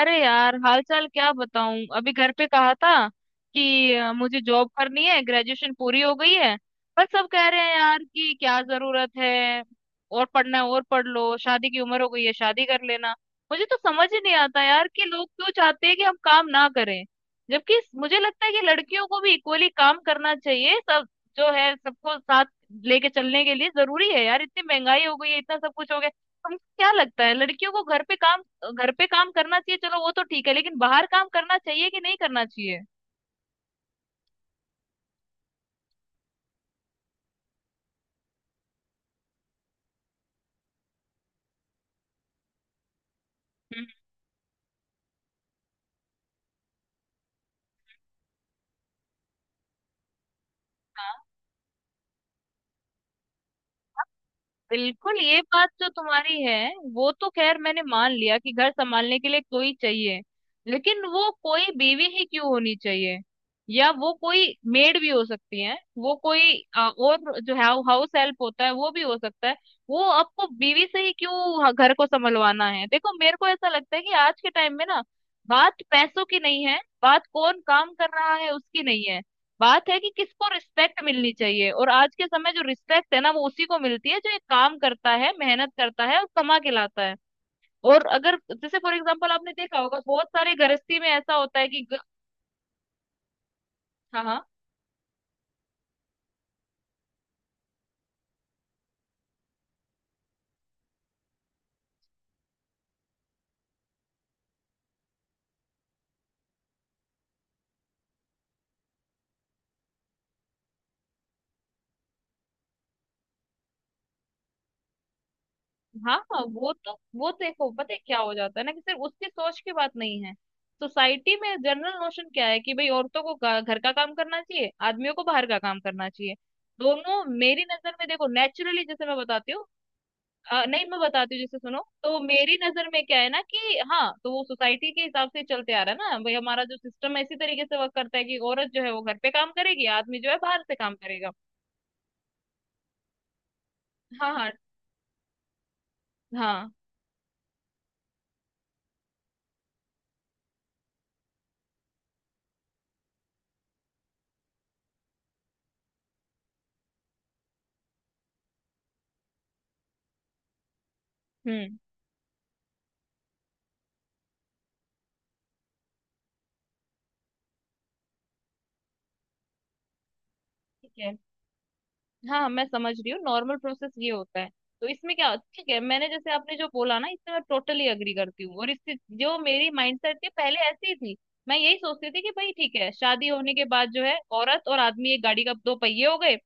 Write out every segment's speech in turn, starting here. अरे यार, हाल चाल क्या बताऊं। अभी घर पे कहा था कि मुझे जॉब करनी है, ग्रेजुएशन पूरी हो गई है। पर सब कह रहे हैं यार कि क्या जरूरत है, और पढ़ना है, और पढ़ लो, शादी की उम्र हो गई है, शादी कर लेना। मुझे तो समझ ही नहीं आता यार कि लोग क्यों चाहते हैं कि हम काम ना करें। जबकि मुझे लगता है कि लड़कियों को भी इक्वली काम करना चाहिए, सब जो है सबको साथ लेके चलने के लिए जरूरी है यार। इतनी महंगाई हो गई है, इतना सब कुछ हो गया। तुमको क्या लगता है, लड़कियों को घर पे काम करना चाहिए? चलो वो तो ठीक है, लेकिन बाहर काम करना चाहिए कि नहीं करना चाहिए? हम्म। हाँ, बिल्कुल ये बात जो तुम्हारी है, वो तो खैर मैंने मान लिया कि घर संभालने के लिए कोई चाहिए। लेकिन वो कोई बीवी ही क्यों होनी चाहिए? या वो कोई मेड भी हो सकती है, वो कोई और जो है हाउस हेल्प होता है वो भी हो सकता है। वो आपको बीवी से ही क्यों घर को संभलवाना है? देखो मेरे को ऐसा लगता है कि आज के टाइम में ना, बात पैसों की नहीं है, बात कौन काम कर रहा है उसकी नहीं है। बात है कि किसको रिस्पेक्ट मिलनी चाहिए। और आज के समय जो रिस्पेक्ट है ना, वो उसी को मिलती है जो एक काम करता है, मेहनत करता है और कमा के लाता है। और अगर, जैसे फॉर एग्जांपल, आपने देखा होगा बहुत सारे गृहस्थी में ऐसा होता है कि हाँ हाँ, हाँ हाँ, वो तो देखो पता है क्या हो जाता है ना कि सिर्फ उसकी सोच की बात नहीं है। सोसाइटी में जनरल नोशन क्या है कि भाई औरतों को घर का काम करना चाहिए, आदमियों को बाहर का काम करना चाहिए। दोनों मेरी नजर में, देखो नेचुरली जैसे मैं बताती हूँ। नहीं, मैं बताती हूँ, जैसे सुनो, तो मेरी नजर में क्या है ना कि हाँ, तो वो सोसाइटी के हिसाब से चलते आ रहा है ना भाई। हमारा जो सिस्टम है इसी तरीके से वर्क करता है कि औरत जो है वो घर पे काम करेगी, आदमी जो है बाहर से काम करेगा। हाँ हाँ, हाँ हम्म। ठीक है। हाँ हाँ, मैं समझ रही हूँ नॉर्मल प्रोसेस ये होता है। तो इसमें क्या, ठीक है, मैंने, जैसे आपने जो बोला ना, इससे मैं टोटली अग्री करती हूँ, और इससे जो मेरी माइंडसेट थी पहले ऐसी ही थी। मैं यही सोचती थी कि भाई ठीक है, शादी होने के बाद जो है औरत और आदमी एक गाड़ी का दो पहिए हो गए।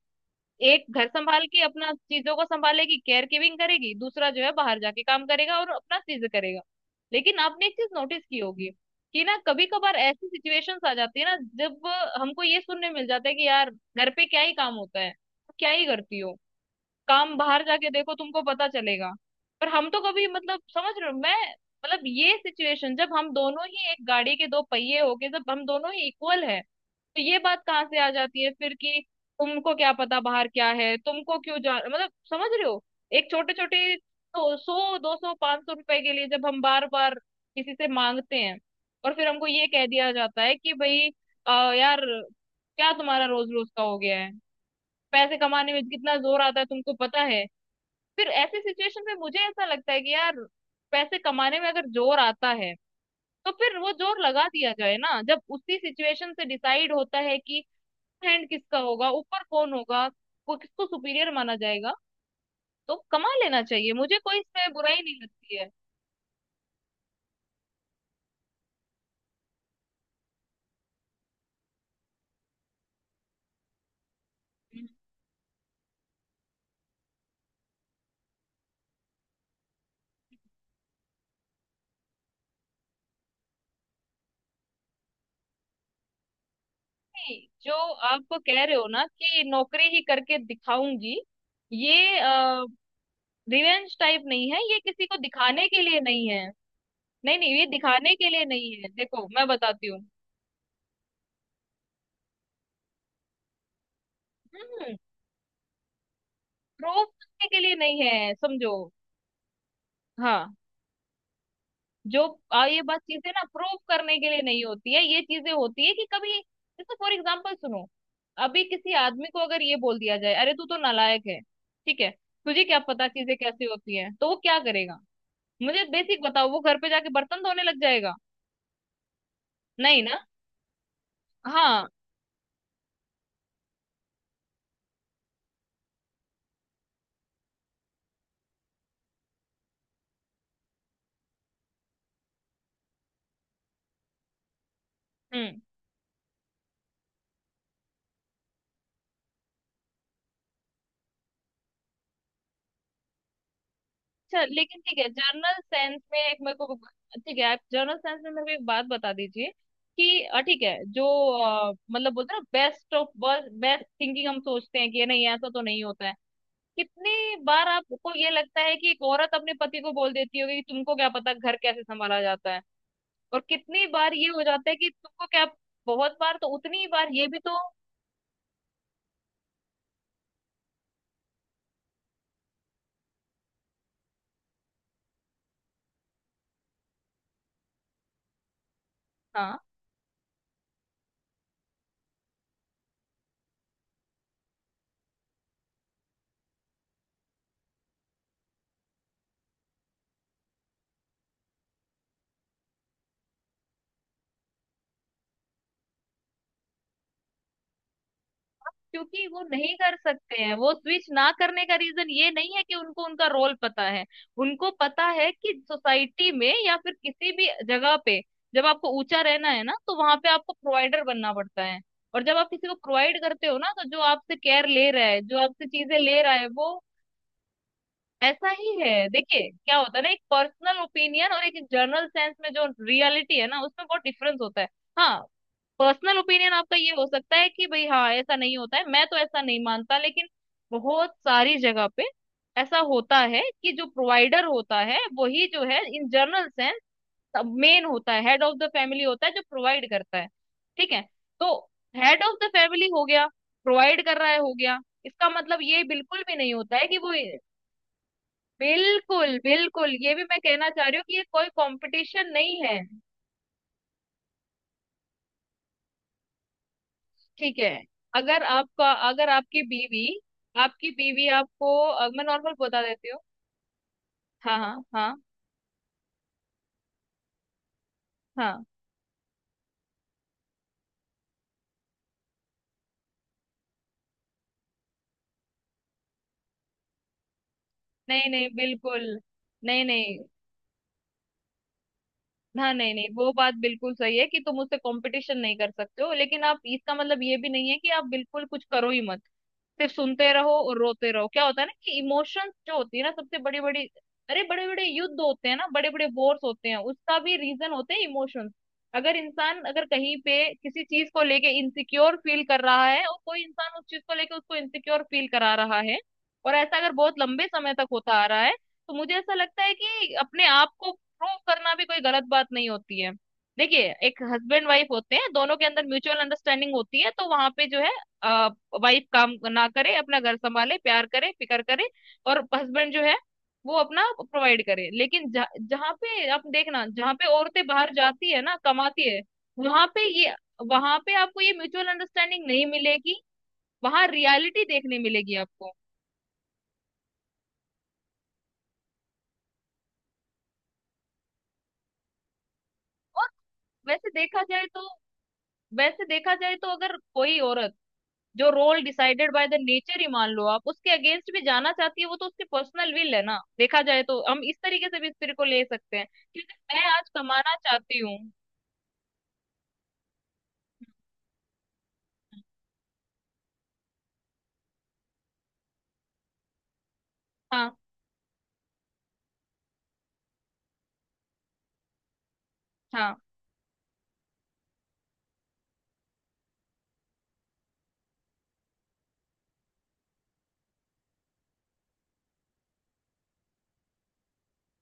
एक घर संभाल के अपना चीजों को संभालेगी, केयर गिविंग करेगी, दूसरा जो है बाहर जाके काम करेगा और अपना चीज करेगा। लेकिन आपने एक चीज नोटिस की होगी कि ना, कभी कभार ऐसी सिचुएशंस आ जाती है ना, जब हमको ये सुनने मिल जाता है कि यार, घर पे क्या ही काम होता है, क्या ही करती हो? काम बाहर जाके देखो, तुमको पता चलेगा। पर हम तो कभी, मतलब, समझ रहे हो, मैं मतलब, ये सिचुएशन, जब हम दोनों ही एक गाड़ी के दो पहिए हो गए, जब हम दोनों ही इक्वल है, तो ये बात कहाँ से आ जाती है फिर कि तुमको क्या पता बाहर क्या है, तुमको क्यों जा मतलब, समझ रहे हो। एक छोटे छोटे तो 100, 200, 500 रुपए के लिए जब हम बार बार किसी से मांगते हैं, और फिर हमको ये कह दिया जाता है कि भाई अ, यार, क्या तुम्हारा रोज रोज का हो गया है? पैसे कमाने में कितना जोर आता है तुमको पता है? फिर ऐसी सिचुएशन में मुझे ऐसा लगता है कि यार, पैसे कमाने में अगर जोर आता है, तो फिर वो जोर लगा दिया जाए ना, जब उसी सिचुएशन से डिसाइड होता है कि हैंड किसका होगा ऊपर, कौन होगा, को किसको सुपीरियर माना जाएगा। तो कमा लेना चाहिए, मुझे कोई इसमें बुराई नहीं लगती है। नहीं, जो आप कह रहे हो ना कि नौकरी ही करके दिखाऊंगी, ये रिवेंज टाइप नहीं है, ये किसी को दिखाने के लिए नहीं है। नहीं नहीं, ये दिखाने के लिए नहीं है, देखो मैं बताती हूँ। प्रूव करने के लिए नहीं है, समझो। हाँ। जो ये बात, चीजें ना प्रूव करने के लिए नहीं होती है। ये चीजें होती है कि कभी, जैसे फॉर एग्जाम्पल सुनो, अभी किसी आदमी को अगर ये बोल दिया जाए अरे तू तो नालायक है, ठीक है, तुझे क्या पता चीजें कैसी होती है, तो वो क्या करेगा? मुझे बेसिक बताओ, वो घर पे जाके बर्तन धोने लग जाएगा? नहीं ना। हाँ। हम्म। अच्छा, लेकिन ठीक है, जर्नल साइंस में एक मेरे को, ठीक है, आप जर्नल साइंस में मेरे को एक बात बता दीजिए कि ठीक है, जो मतलब, बोलते हैं ना बेस्ट ऑफ बेस्ट थिंकिंग, हम सोचते हैं कि नहीं ऐसा तो नहीं होता है। कितनी बार आपको ये लगता है कि एक औरत अपने पति को बोल देती होगी कि तुमको क्या पता घर कैसे संभाला जाता है? और कितनी बार ये हो जाता है कि तुमको क्या? बहुत बार? तो उतनी ही बार ये भी तो हाँ। क्योंकि वो नहीं कर सकते हैं। वो स्विच ना करने का रीजन ये नहीं है कि उनको उनका रोल पता है। उनको पता है कि सोसाइटी में या फिर किसी भी जगह पे जब आपको ऊंचा रहना है ना, तो वहां पे आपको प्रोवाइडर बनना पड़ता है। और जब आप किसी को प्रोवाइड करते हो ना, तो जो आपसे केयर ले रहा है, जो आपसे चीजें ले रहा है, वो ऐसा ही है। देखिए क्या होता है ना, एक पर्सनल ओपिनियन और एक जनरल सेंस में जो रियलिटी है ना, उसमें बहुत डिफरेंस होता है। हाँ। पर्सनल ओपिनियन आपका ये हो सकता है कि भाई हाँ ऐसा नहीं होता है, मैं तो ऐसा नहीं मानता, लेकिन बहुत सारी जगह पे ऐसा होता है कि जो प्रोवाइडर होता है, वही जो है इन जनरल सेंस मेन होता है, हेड ऑफ द फैमिली होता है, जो प्रोवाइड करता है। ठीक है, तो हेड ऑफ द फैमिली हो गया, प्रोवाइड कर रहा है हो गया, इसका मतलब ये बिल्कुल भी नहीं होता है कि वो बिल्कुल, बिल्कुल ये भी मैं कहना चाह रही हूँ कि ये कोई कंपटीशन नहीं है। ठीक है। अगर आपकी बीवी आपको मैं नॉर्मल बता देती हूँ। हाँ हाँ हाँ। हाँ नहीं नहीं बिल्कुल। नहीं नहीं। हाँ नहीं नहीं, वो बात बिल्कुल सही है कि तुम उससे कंपटीशन नहीं कर सकते हो, लेकिन आप, इसका मतलब ये भी नहीं है कि आप बिल्कुल कुछ करो ही मत, सिर्फ सुनते रहो और रोते रहो। क्या होता है ना कि इमोशंस जो होती है ना, सबसे बड़ी बड़ी, अरे बड़े बड़े युद्ध होते हैं ना, बड़े बड़े वॉर्स होते हैं, उसका भी रीजन होते हैं इमोशंस। अगर कहीं पे किसी चीज को लेके इनसिक्योर फील कर रहा है और कोई इंसान उस चीज को लेके उसको इनसिक्योर फील करा रहा है, और ऐसा अगर बहुत लंबे समय तक होता आ रहा है, तो मुझे ऐसा लगता है कि अपने आप को प्रूव करना भी कोई गलत बात नहीं होती है। देखिए, एक हस्बैंड वाइफ होते हैं, दोनों के अंदर म्यूचुअल अंडरस्टैंडिंग होती है, तो वहां पे जो है वाइफ काम ना करे, अपना घर संभाले, प्यार करे, फिकर करे, और हस्बैंड जो है वो अपना प्रोवाइड करे। लेकिन जहाँ पे आप देखना, जहाँ पे औरतें बाहर जाती है ना, कमाती है, वहां पे ये वहां पे आपको ये म्यूचुअल अंडरस्टैंडिंग नहीं मिलेगी। वहां रियलिटी देखने मिलेगी आपको। और वैसे देखा जाए तो वैसे देखा जाए तो अगर कोई औरत जो role decided by the nature ही, मान लो आप उसके अगेंस्ट भी जाना चाहती है, वो तो उसकी पर्सनल विल है ना। देखा जाए तो हम इस तरीके से भी इस तरीके को ले सकते हैं कि मैं आज कमाना चाहती हूँ। हाँ हाँ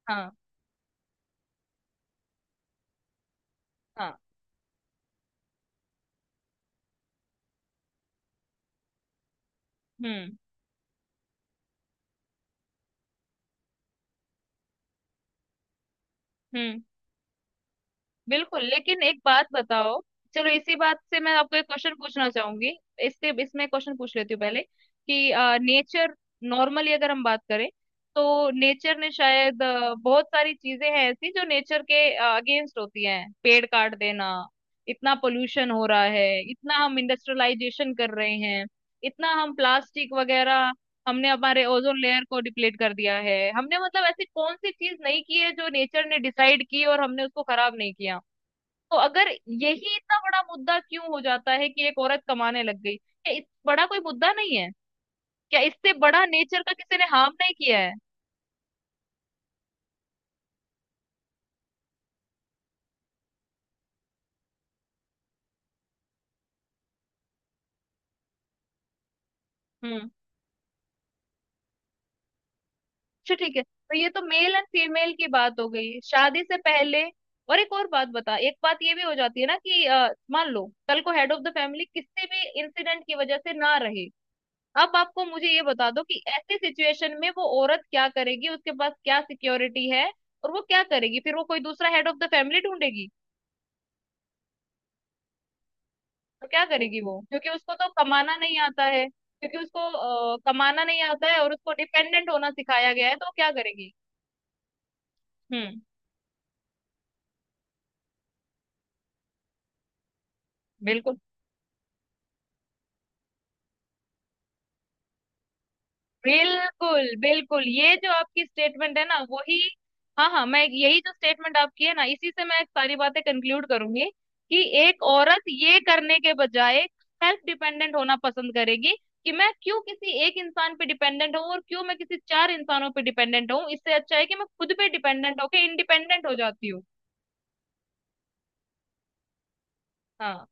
हाँ, हाँ हम्म। हम्म। बिल्कुल, लेकिन एक बात बताओ, चलो इसी बात से मैं आपको एक क्वेश्चन पूछना चाहूंगी, इससे इसमें क्वेश्चन पूछ लेती हूँ पहले कि नेचर, नॉर्मली अगर हम बात करें, तो नेचर ने शायद, बहुत सारी चीजें हैं ऐसी जो नेचर के अगेंस्ट होती हैं, पेड़ काट देना, इतना पोल्यूशन हो रहा है, इतना हम इंडस्ट्रियलाइजेशन कर रहे हैं, इतना हम प्लास्टिक वगैरह, हमने हमारे ओजोन लेयर को डिप्लीट कर दिया है। हमने, मतलब, ऐसी कौन सी चीज नहीं की है जो नेचर ने डिसाइड की और हमने उसको खराब नहीं किया? तो अगर यही, इतना बड़ा मुद्दा क्यों हो जाता है कि एक औरत कमाने लग गई? क्या इस बड़ा कोई मुद्दा नहीं है? क्या इससे बड़ा नेचर का किसी ने हार्म नहीं किया है? हम्म। अच्छा ठीक है, तो ये तो मेल एंड फीमेल की बात हो गई शादी से पहले। और एक और बात बता, एक बात ये भी हो जाती है ना कि मान लो कल को हेड ऑफ द फैमिली किसी भी इंसिडेंट की वजह से ना रहे। अब आपको मुझे ये बता दो कि ऐसी सिचुएशन में वो औरत क्या करेगी, उसके पास क्या सिक्योरिटी है और वो क्या करेगी? फिर वो कोई दूसरा हेड ऑफ द फैमिली ढूंढेगी? तो क्या करेगी वो, क्योंकि उसको तो कमाना नहीं आता है, क्योंकि उसको कमाना नहीं आता है और उसको डिपेंडेंट होना सिखाया गया है, तो वो क्या करेगी? हम्म। बिल्कुल। बिल्कुल, ये जो आपकी स्टेटमेंट है ना, वही। हाँ हाँ, मैं यही, जो स्टेटमेंट आपकी है ना, इसी से मैं सारी बातें कंक्लूड करूंगी कि एक औरत ये करने के बजाय सेल्फ डिपेंडेंट होना पसंद करेगी। कि मैं क्यों किसी एक इंसान पे डिपेंडेंट हूँ और क्यों मैं किसी चार इंसानों पे डिपेंडेंट हूँ, इससे अच्छा है कि मैं खुद पे डिपेंडेंट होके इंडिपेंडेंट हो जाती हूँ। हाँ।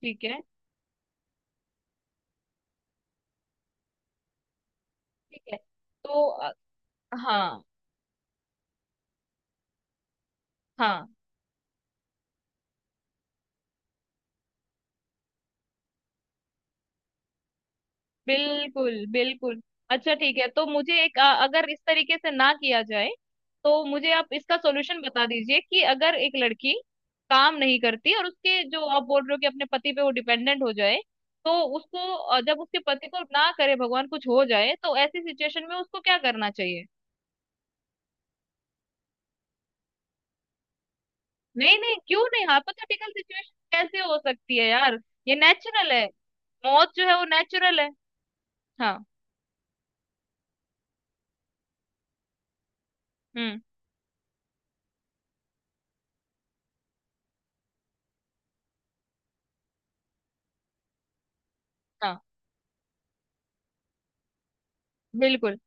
ठीक है। ठीक है। तो हाँ। हाँ बिल्कुल। बिल्कुल अच्छा, ठीक है। तो मुझे एक, अगर इस तरीके से ना किया जाए तो मुझे आप इसका सॉल्यूशन बता दीजिए, कि अगर एक लड़की काम नहीं करती और उसके, जो आप बोल रहे हो, कि अपने पति पे वो डिपेंडेंट हो जाए, तो उसको, जब उसके पति को ना करे भगवान कुछ हो जाए, तो ऐसी सिचुएशन में उसको क्या करना चाहिए? नहीं नहीं, क्यों नहीं? हाइपोथेटिकल सिचुएशन कैसे हो सकती है यार? ये नेचुरल है। मौत जो है वो नेचुरल है। हाँ। हम्म। हाँ। बिल्कुल।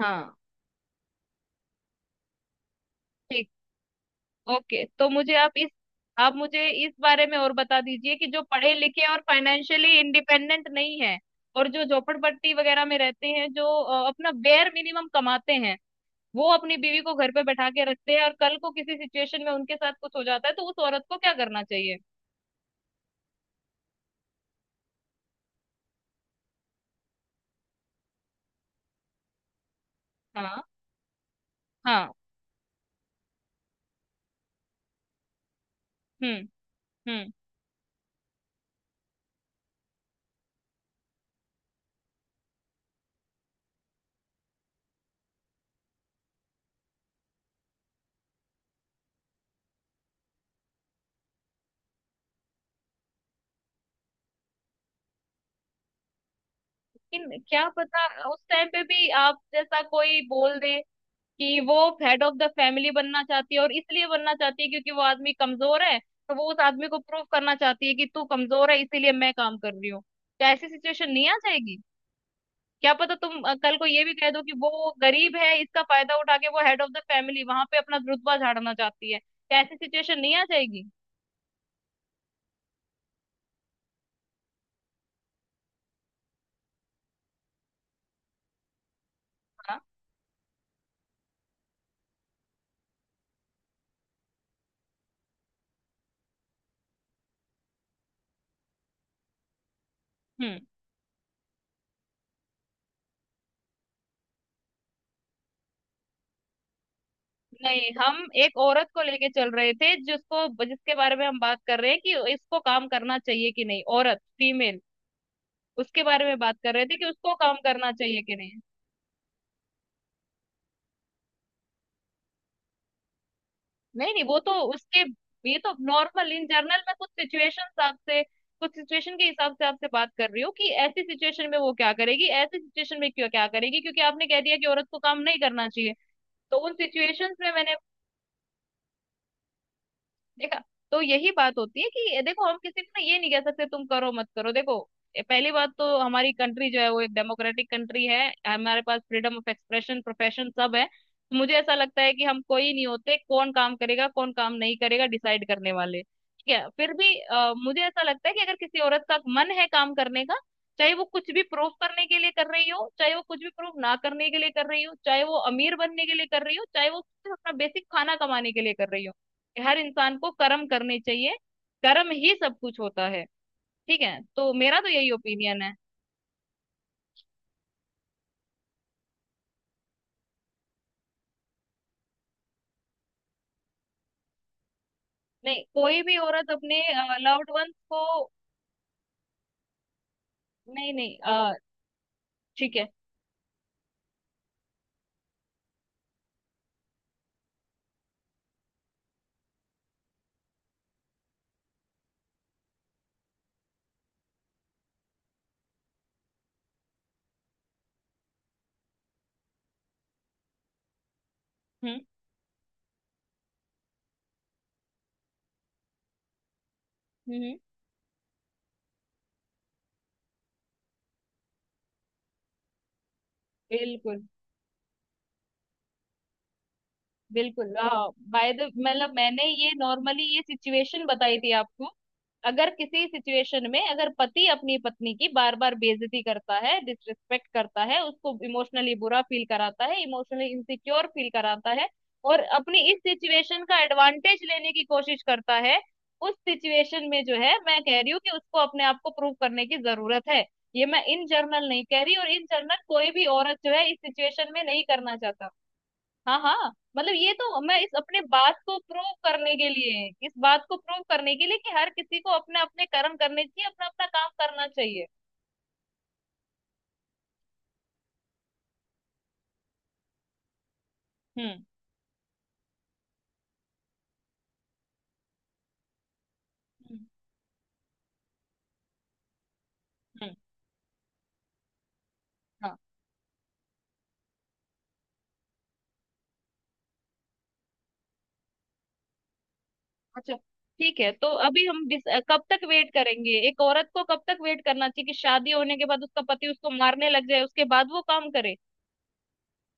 हाँ। ठीक। ओके, तो मुझे आप इस, आप मुझे इस बारे में और बता दीजिए कि जो पढ़े लिखे और फाइनेंशियली इंडिपेंडेंट नहीं है और जो झोपड़पट्टी वगैरह में रहते हैं, जो अपना बेयर मिनिमम कमाते हैं, वो अपनी बीवी को घर पे बैठा के रखते हैं और कल को किसी सिचुएशन में उनके साथ कुछ हो जाता है, तो उस औरत को क्या करना चाहिए? हाँ। हाँ। हम्म। हम्म। लेकिन क्या पता उस टाइम पे भी आप जैसा कोई बोल दे कि वो हेड ऑफ द फैमिली बनना चाहती है और इसलिए बनना चाहती है क्योंकि वो आदमी कमजोर है, तो वो उस आदमी को प्रूव करना चाहती है कि तू कमजोर है इसीलिए मैं काम कर रही हूँ। क्या ऐसी सिचुएशन नहीं आ जाएगी? क्या पता तुम कल को ये भी कह दो कि वो गरीब है, इसका फायदा उठा के वो हेड ऑफ द फैमिली वहां पे अपना रुतबा झाड़ना चाहती है। क्या ऐसी सिचुएशन नहीं आ जाएगी? हाँ। हम्म। नहीं हम एक औरत को लेके चल रहे थे, जिसको, जिसके बारे में हम बात कर रहे हैं कि इसको काम करना चाहिए कि नहीं, औरत, फीमेल, उसके बारे में बात कर रहे थे कि उसको काम करना चाहिए कि नहीं। नहीं नहीं, वो तो उसके, ये तो नॉर्मल इन जनरल, मैं कुछ सिचुएशन आपसे, कुछ सिचुएशन के हिसाब से आपसे बात कर रही हूँ कि ऐसी सिचुएशन में वो क्या करेगी, ऐसी सिचुएशन में क्यों क्या करेगी, क्योंकि आपने कह दिया कि औरत को काम नहीं करना चाहिए। तो उन सिचुएशंस में मैंने देखा तो यही बात होती है कि देखो, हम किसी को ना ये नहीं कह सकते तुम करो मत करो। देखो, पहली बात तो हमारी कंट्री जो है वो एक डेमोक्रेटिक कंट्री है। हमारे पास फ्रीडम ऑफ एक्सप्रेशन, प्रोफेशन सब है, तो मुझे ऐसा लगता है कि हम कोई नहीं होते कौन काम करेगा कौन काम नहीं करेगा डिसाइड करने वाले। ठीक है, फिर भी मुझे ऐसा लगता है कि अगर किसी औरत का मन है काम करने का, चाहे वो कुछ भी प्रूव करने के लिए कर रही हो, चाहे वो कुछ भी प्रूव ना करने के लिए कर रही हो, चाहे वो अमीर बनने के लिए कर रही हो, चाहे वो सिर्फ अपना बेसिक खाना कमाने के लिए कर रही हो, हर इंसान को कर्म करने चाहिए। कर्म ही सब कुछ होता है। ठीक है, तो मेरा तो यही ओपिनियन है। नहीं, कोई भी औरत अपने लव्ड वंस को, नहीं नहीं, ठीक है। हम्म। हम्म। बिल्कुल। बिल्कुल। बाय द, मतलब मैंने ये नॉर्मली ये सिचुएशन बताई थी आपको। अगर किसी सिचुएशन में अगर पति अपनी पत्नी की बार बार बेइज्जती करता है, डिसरिस्पेक्ट करता है, उसको इमोशनली बुरा फील कराता है, इमोशनली इनसिक्योर फील कराता है और अपनी इस सिचुएशन का एडवांटेज लेने की कोशिश करता है, उस सिचुएशन में जो है मैं कह रही हूँ कि उसको अपने आप को प्रूव करने की जरूरत है। ये मैं इन जनरल नहीं कह रही, और इन जनरल कोई भी औरत जो है इस सिचुएशन में नहीं करना चाहता। हाँ हाँ, मतलब ये तो मैं इस, अपने बात को प्रूव करने के लिए, इस बात को प्रूव करने के लिए कि हर किसी को अपने अपने कर्म करने चाहिए, अपना अपना काम करना चाहिए। हम्म। हम्म हम्म, हाँ अच्छा, ठीक है। तो अभी हम डिस, कब तक वेट करेंगे, एक औरत को कब तक वेट करना चाहिए कि शादी होने के बाद उसका पति उसको मारने लग जाए उसके बाद वो काम करे?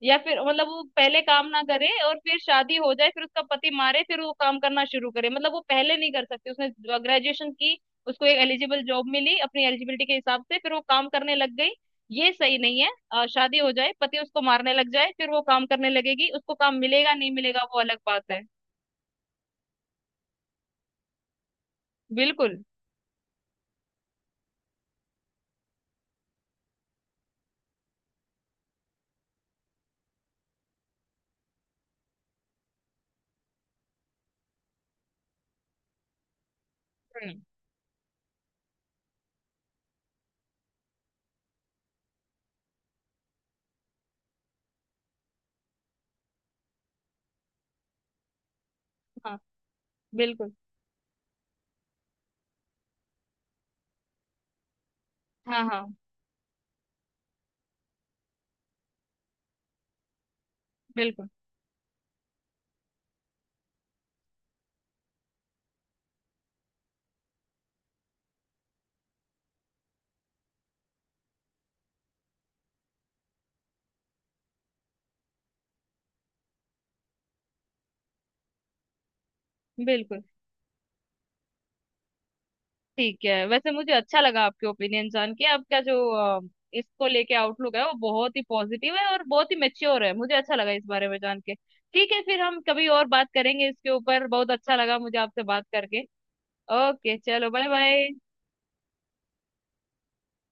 या फिर मतलब वो पहले काम ना करे और फिर शादी हो जाए फिर उसका पति मारे फिर वो काम करना शुरू करे, मतलब वो पहले नहीं कर सकती? उसने ग्रेजुएशन की, उसको एक एलिजिबल जॉब मिली अपनी एलिजिबिलिटी के हिसाब से, फिर वो काम करने लग गई। ये सही नहीं है, शादी हो जाए, पति उसको मारने लग जाए, फिर वो काम करने लगेगी, उसको काम मिलेगा नहीं मिलेगा वो अलग बात है। बिल्कुल। हम्म। हाँ। बिल्कुल। हाँ हाँ। बिल्कुल। बिल्कुल ठीक है। वैसे मुझे अच्छा लगा आपके ओपिनियन जान के, आपका जो अ, इसको लेके आउटलुक है वो बहुत ही पॉजिटिव है और बहुत ही मेच्योर है, मुझे अच्छा लगा इस बारे में जान के। ठीक है, फिर हम कभी और बात करेंगे इसके ऊपर, बहुत अच्छा लगा मुझे आपसे बात करके। ओके, चलो बाय बाय।